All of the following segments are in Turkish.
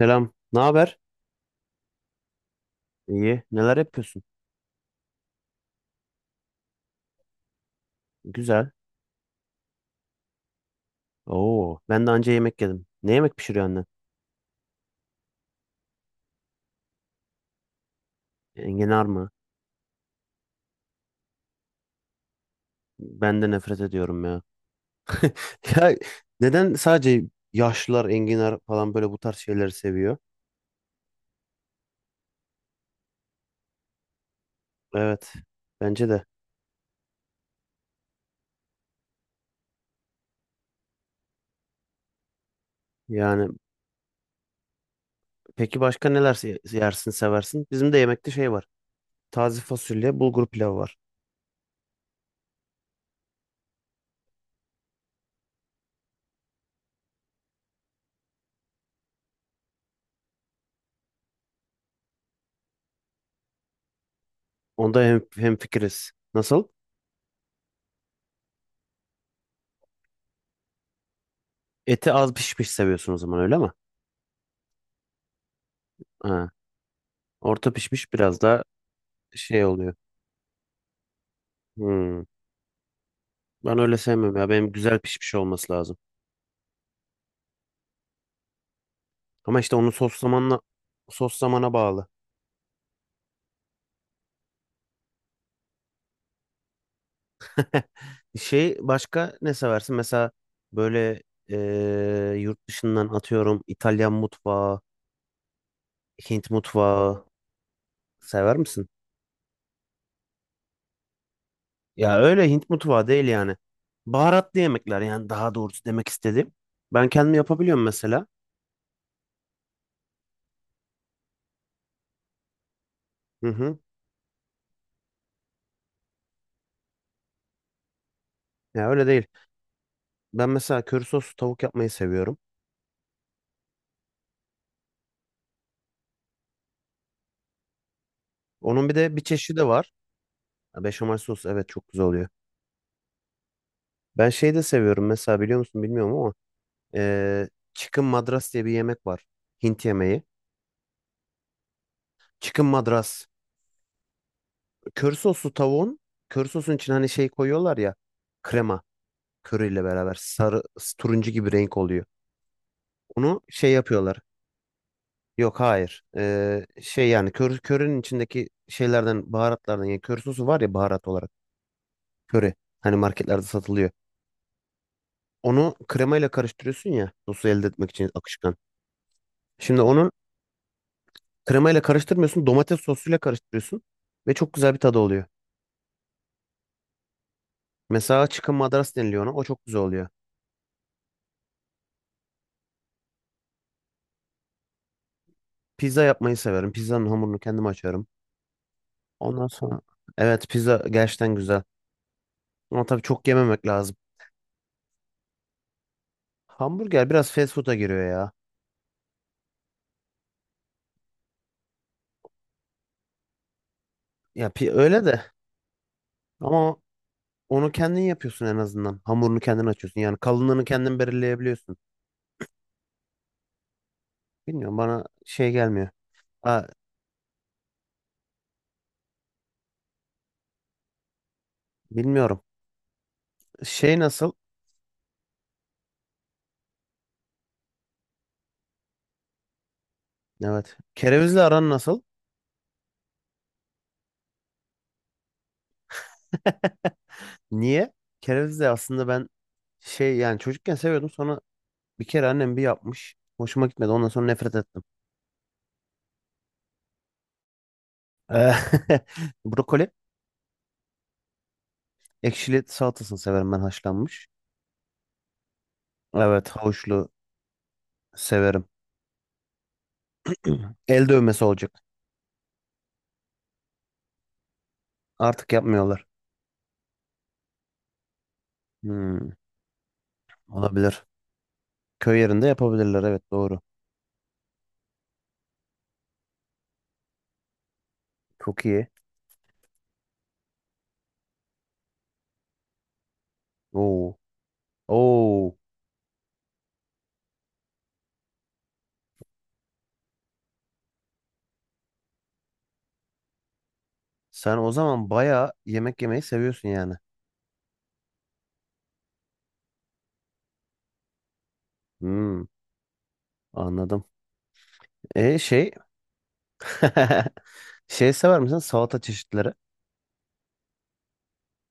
Selam. Ne haber? İyi. Neler yapıyorsun? Güzel. Oo, ben de anca yemek yedim. Ne yemek pişiriyor annen? Enginar mı? Ben de nefret ediyorum ya. Ya neden sadece yaşlılar enginar falan böyle bu tarz şeyleri seviyor? Evet. Bence de. Yani peki başka neler yersin, seversin? Bizim de yemekte şey var. Taze fasulye, bulgur pilavı var. Onda hem hemfikiriz. Nasıl? Eti az pişmiş seviyorsun o zaman öyle mi? Ha, orta pişmiş biraz daha şey oluyor. Hmm. Ben öyle sevmem ya. Benim güzel pişmiş olması lazım. Ama işte onu sos zamana bağlı. Şey başka ne seversin? Mesela böyle yurt dışından atıyorum İtalyan mutfağı, Hint mutfağı sever misin? Ya öyle Hint mutfağı değil yani. Baharatlı yemekler yani daha doğrusu demek istedim. Ben kendim yapabiliyorum mesela. Hı hı. Ya öyle değil. Ben mesela köri soslu tavuk yapmayı seviyorum. Onun bir de bir çeşidi var. Ha, beşamel sos evet çok güzel oluyor. Ben şey de seviyorum mesela biliyor musun bilmiyorum ama chicken madras diye bir yemek var. Hint yemeği. Chicken madras. Kör soslu tavuğun kör sosun için hani şey koyuyorlar ya, krema körüyle beraber sarı, turuncu gibi renk oluyor. Onu şey yapıyorlar. Yok hayır. Şey yani körünün içindeki şeylerden, baharatlardan yani kör sosu var ya baharat olarak. Köri. Hani marketlerde satılıyor. Onu kremayla karıştırıyorsun ya sosu elde etmek için akışkan. Şimdi onun Kremayla karıştırmıyorsun. Domates sosuyla karıştırıyorsun. Ve çok güzel bir tadı oluyor. Mesela chicken madras deniliyor ona. O çok güzel oluyor. Pizza yapmayı severim. Pizzanın hamurunu kendim açıyorum. Ondan sonra evet pizza gerçekten güzel. Ama tabii çok yememek lazım. Hamburger biraz fast food'a giriyor ya. Öyle de ama onu kendin yapıyorsun en azından. Hamurunu kendin açıyorsun. Yani kalınlığını kendin belirleyebiliyorsun. Bilmiyorum bana şey gelmiyor. Ha, bilmiyorum. Şey nasıl? Evet. Kerevizle aran nasıl? Niye? Kereviz de aslında ben şey yani çocukken seviyordum, sonra bir kere annem bir yapmış. Hoşuma gitmedi, ondan sonra nefret ettim. Eh, brokoli ekşili salatasını severim ben, haşlanmış. Evet, havuçlu severim. El dövmesi olacak. Artık yapmıyorlar. Hmm, olabilir. Köy yerinde yapabilirler evet, doğru. Çok iyi. Oo. Oo. Sen o zaman bayağı yemek yemeyi seviyorsun yani. Hmm, anladım. E şey şey sever misin salata çeşitleri?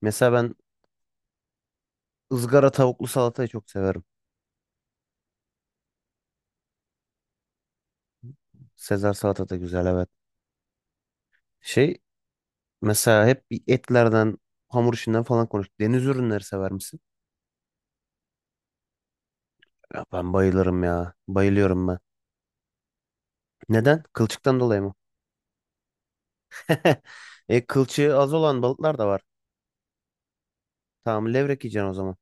Mesela ben ızgara tavuklu salatayı çok severim. Sezar salata da güzel, evet. Şey mesela hep bir etlerden, hamur işinden falan konuştuk. Deniz ürünleri sever misin? Ya ben bayılırım ya. Bayılıyorum ben. Neden? Kılçıktan dolayı mı? E kılçığı az olan balıklar da var. Tamam, levrek yiyeceksin o zaman.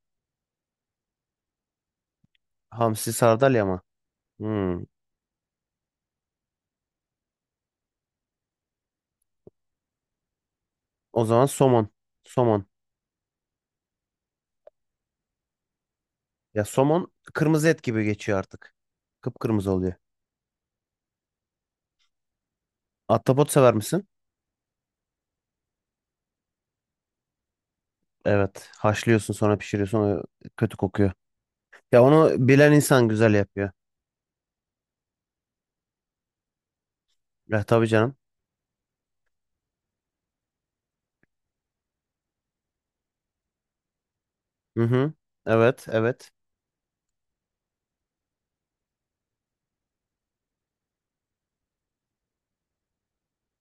Hamsi, sardalya mı? Hmm. O zaman somon. Somon. Ya somon kırmızı et gibi geçiyor artık. Kıpkırmızı oluyor. Ahtapot sever misin? Evet. Haşlıyorsun sonra pişiriyorsun. O kötü kokuyor. Ya onu bilen insan güzel yapıyor. Ya tabii canım. Hı hı. Evet, evet.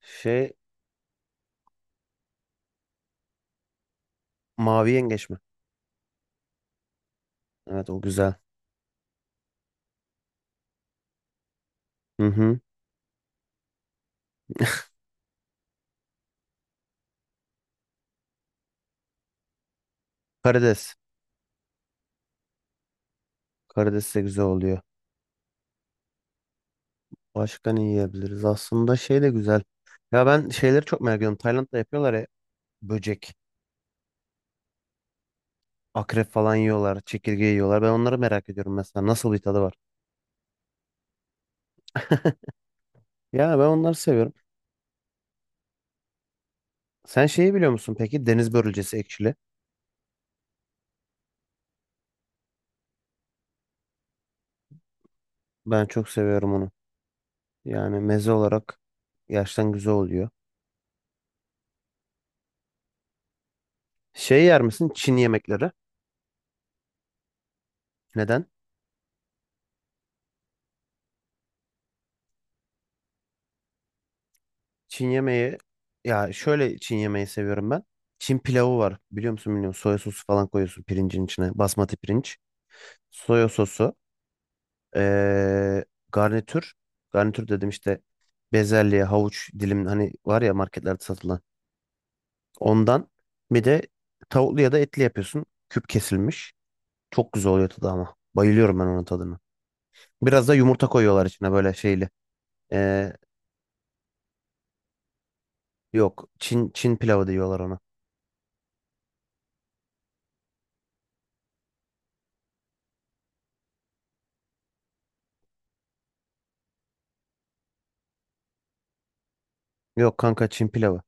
Şey, mavi yengeç mi? Evet, o güzel. Hı hı. Karides. Karides de güzel oluyor. Başka ne yiyebiliriz? Aslında şey de güzel. Ya ben şeyleri çok merak ediyorum. Tayland'da yapıyorlar ya, böcek, akrep falan yiyorlar, çekirge yiyorlar. Ben onları merak ediyorum mesela. Nasıl bir tadı var? Ya ben onları seviyorum. Sen şeyi biliyor musun peki? Deniz börülcesi ekşili. Ben çok seviyorum onu. Yani meze olarak gerçekten güzel oluyor. Şey yer misin? Çin yemekleri. Neden? Çin yemeği Ya şöyle, Çin yemeği seviyorum ben. Çin pilavı var. Biliyor musun bilmiyorum. Soya sosu falan koyuyorsun pirincin içine. Basmati pirinç. Soya sosu. ee, Garnitür. Garnitür dedim işte, bezelye, havuç dilim hani var ya marketlerde satılan. Ondan bir de tavuklu ya da etli yapıyorsun. Küp kesilmiş. Çok güzel oluyor tadı ama. Bayılıyorum ben onun tadına. Biraz da yumurta koyuyorlar içine böyle şeyli. Ee, Yok. Çin pilavı diyorlar ona. Yok kanka, Çin pilavı.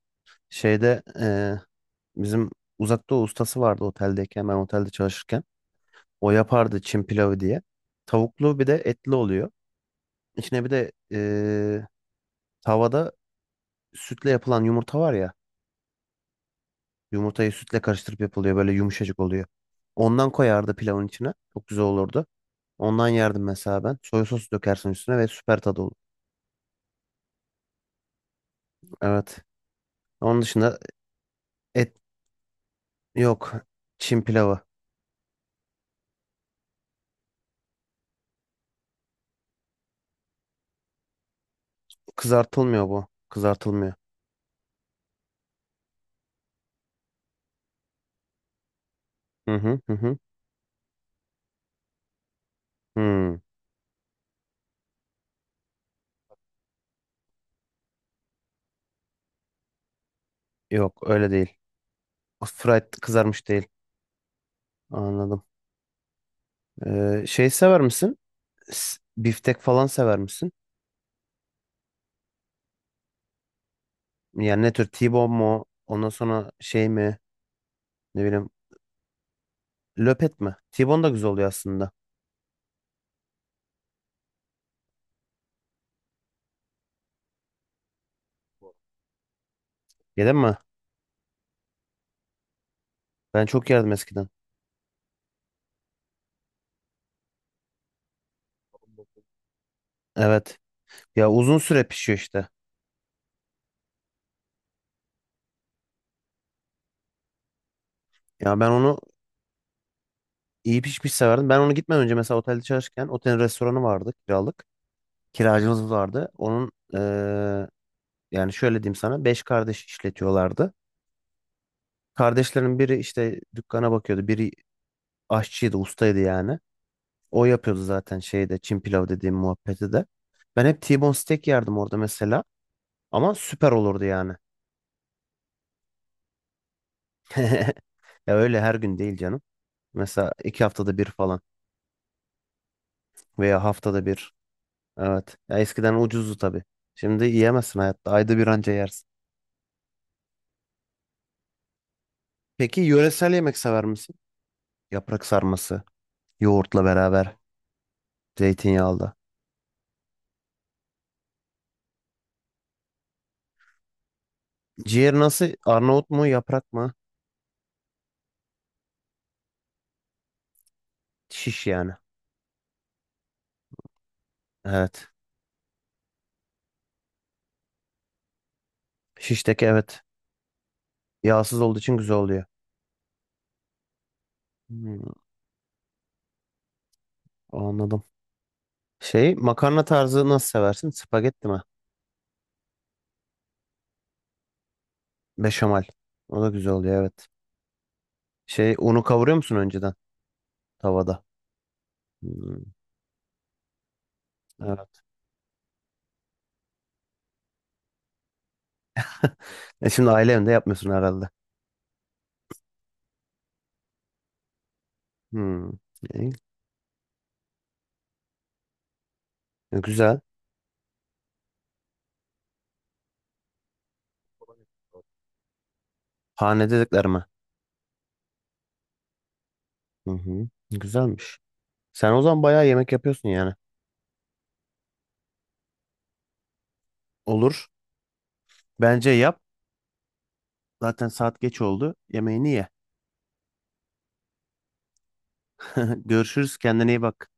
Şeyde bizim uzak doğu ustası vardı, oteldeyken ben otelde çalışırken. O yapardı Çin pilavı diye. Tavuklu bir de etli oluyor. İçine bir de tavada sütle yapılan yumurta var ya. Yumurtayı sütle karıştırıp yapılıyor, böyle yumuşacık oluyor. Ondan koyardı pilavın içine. Çok güzel olurdu. Ondan yerdim mesela ben. Soya sosu dökersin üstüne ve süper tadı olur. Evet. Onun dışında et yok. Çin pilavı. Kızartılmıyor bu. Kızartılmıyor. Hı hı hı. Hı. Hmm, yok öyle değil. Fried kızarmış değil. Anladım. Şey sever misin? Biftek falan sever misin? Yani ne tür? T-bone mu? Ondan sonra şey mi? Ne bileyim. Löpet mi? T-bone da güzel oluyor aslında. Yedin mi? Ben çok yerdim eskiden. Evet. Ya uzun süre pişiyor işte. Ya ben onu iyi pişmiş severdim. Ben onu gitmeden önce mesela otelde çalışırken, otelin restoranı vardı kiralık. Kiracımız vardı. Onun yani şöyle diyeyim sana. Beş kardeş işletiyorlardı. Kardeşlerin biri işte dükkana bakıyordu. Biri aşçıydı, ustaydı yani. O yapıyordu zaten şeyde Çin pilav dediğim muhabbeti de. Ben hep T-bone steak yerdim orada mesela. Ama süper olurdu yani. Ya öyle her gün değil canım. Mesela iki haftada bir falan veya haftada bir. Evet. Ya eskiden ucuzdu tabii. Şimdi yiyemezsin hayatta. Ayda bir anca yersin. Peki yöresel yemek sever misin? Yaprak sarması, yoğurtla beraber, zeytinyağlı. Ciğer nasıl? Arnavut mu, yaprak mı? Şiş yani. Evet. Şişteki evet. Yağsız olduğu için güzel oluyor. Hmm, anladım. Şey makarna tarzı nasıl seversin? Spagetti mi? Beşamel. O da güzel oluyor evet. Şey, unu kavuruyor musun önceden tavada? Hmm, evet. E şimdi aile evinde yapmıyorsun herhalde. Hmm, iyi. E, güzel. Hane dediklerime. Hı hı. Güzelmiş. Sen o zaman bayağı yemek yapıyorsun yani. Olur. Bence yap. Zaten saat geç oldu. Yemeğini ye. Görüşürüz. Kendine iyi bak.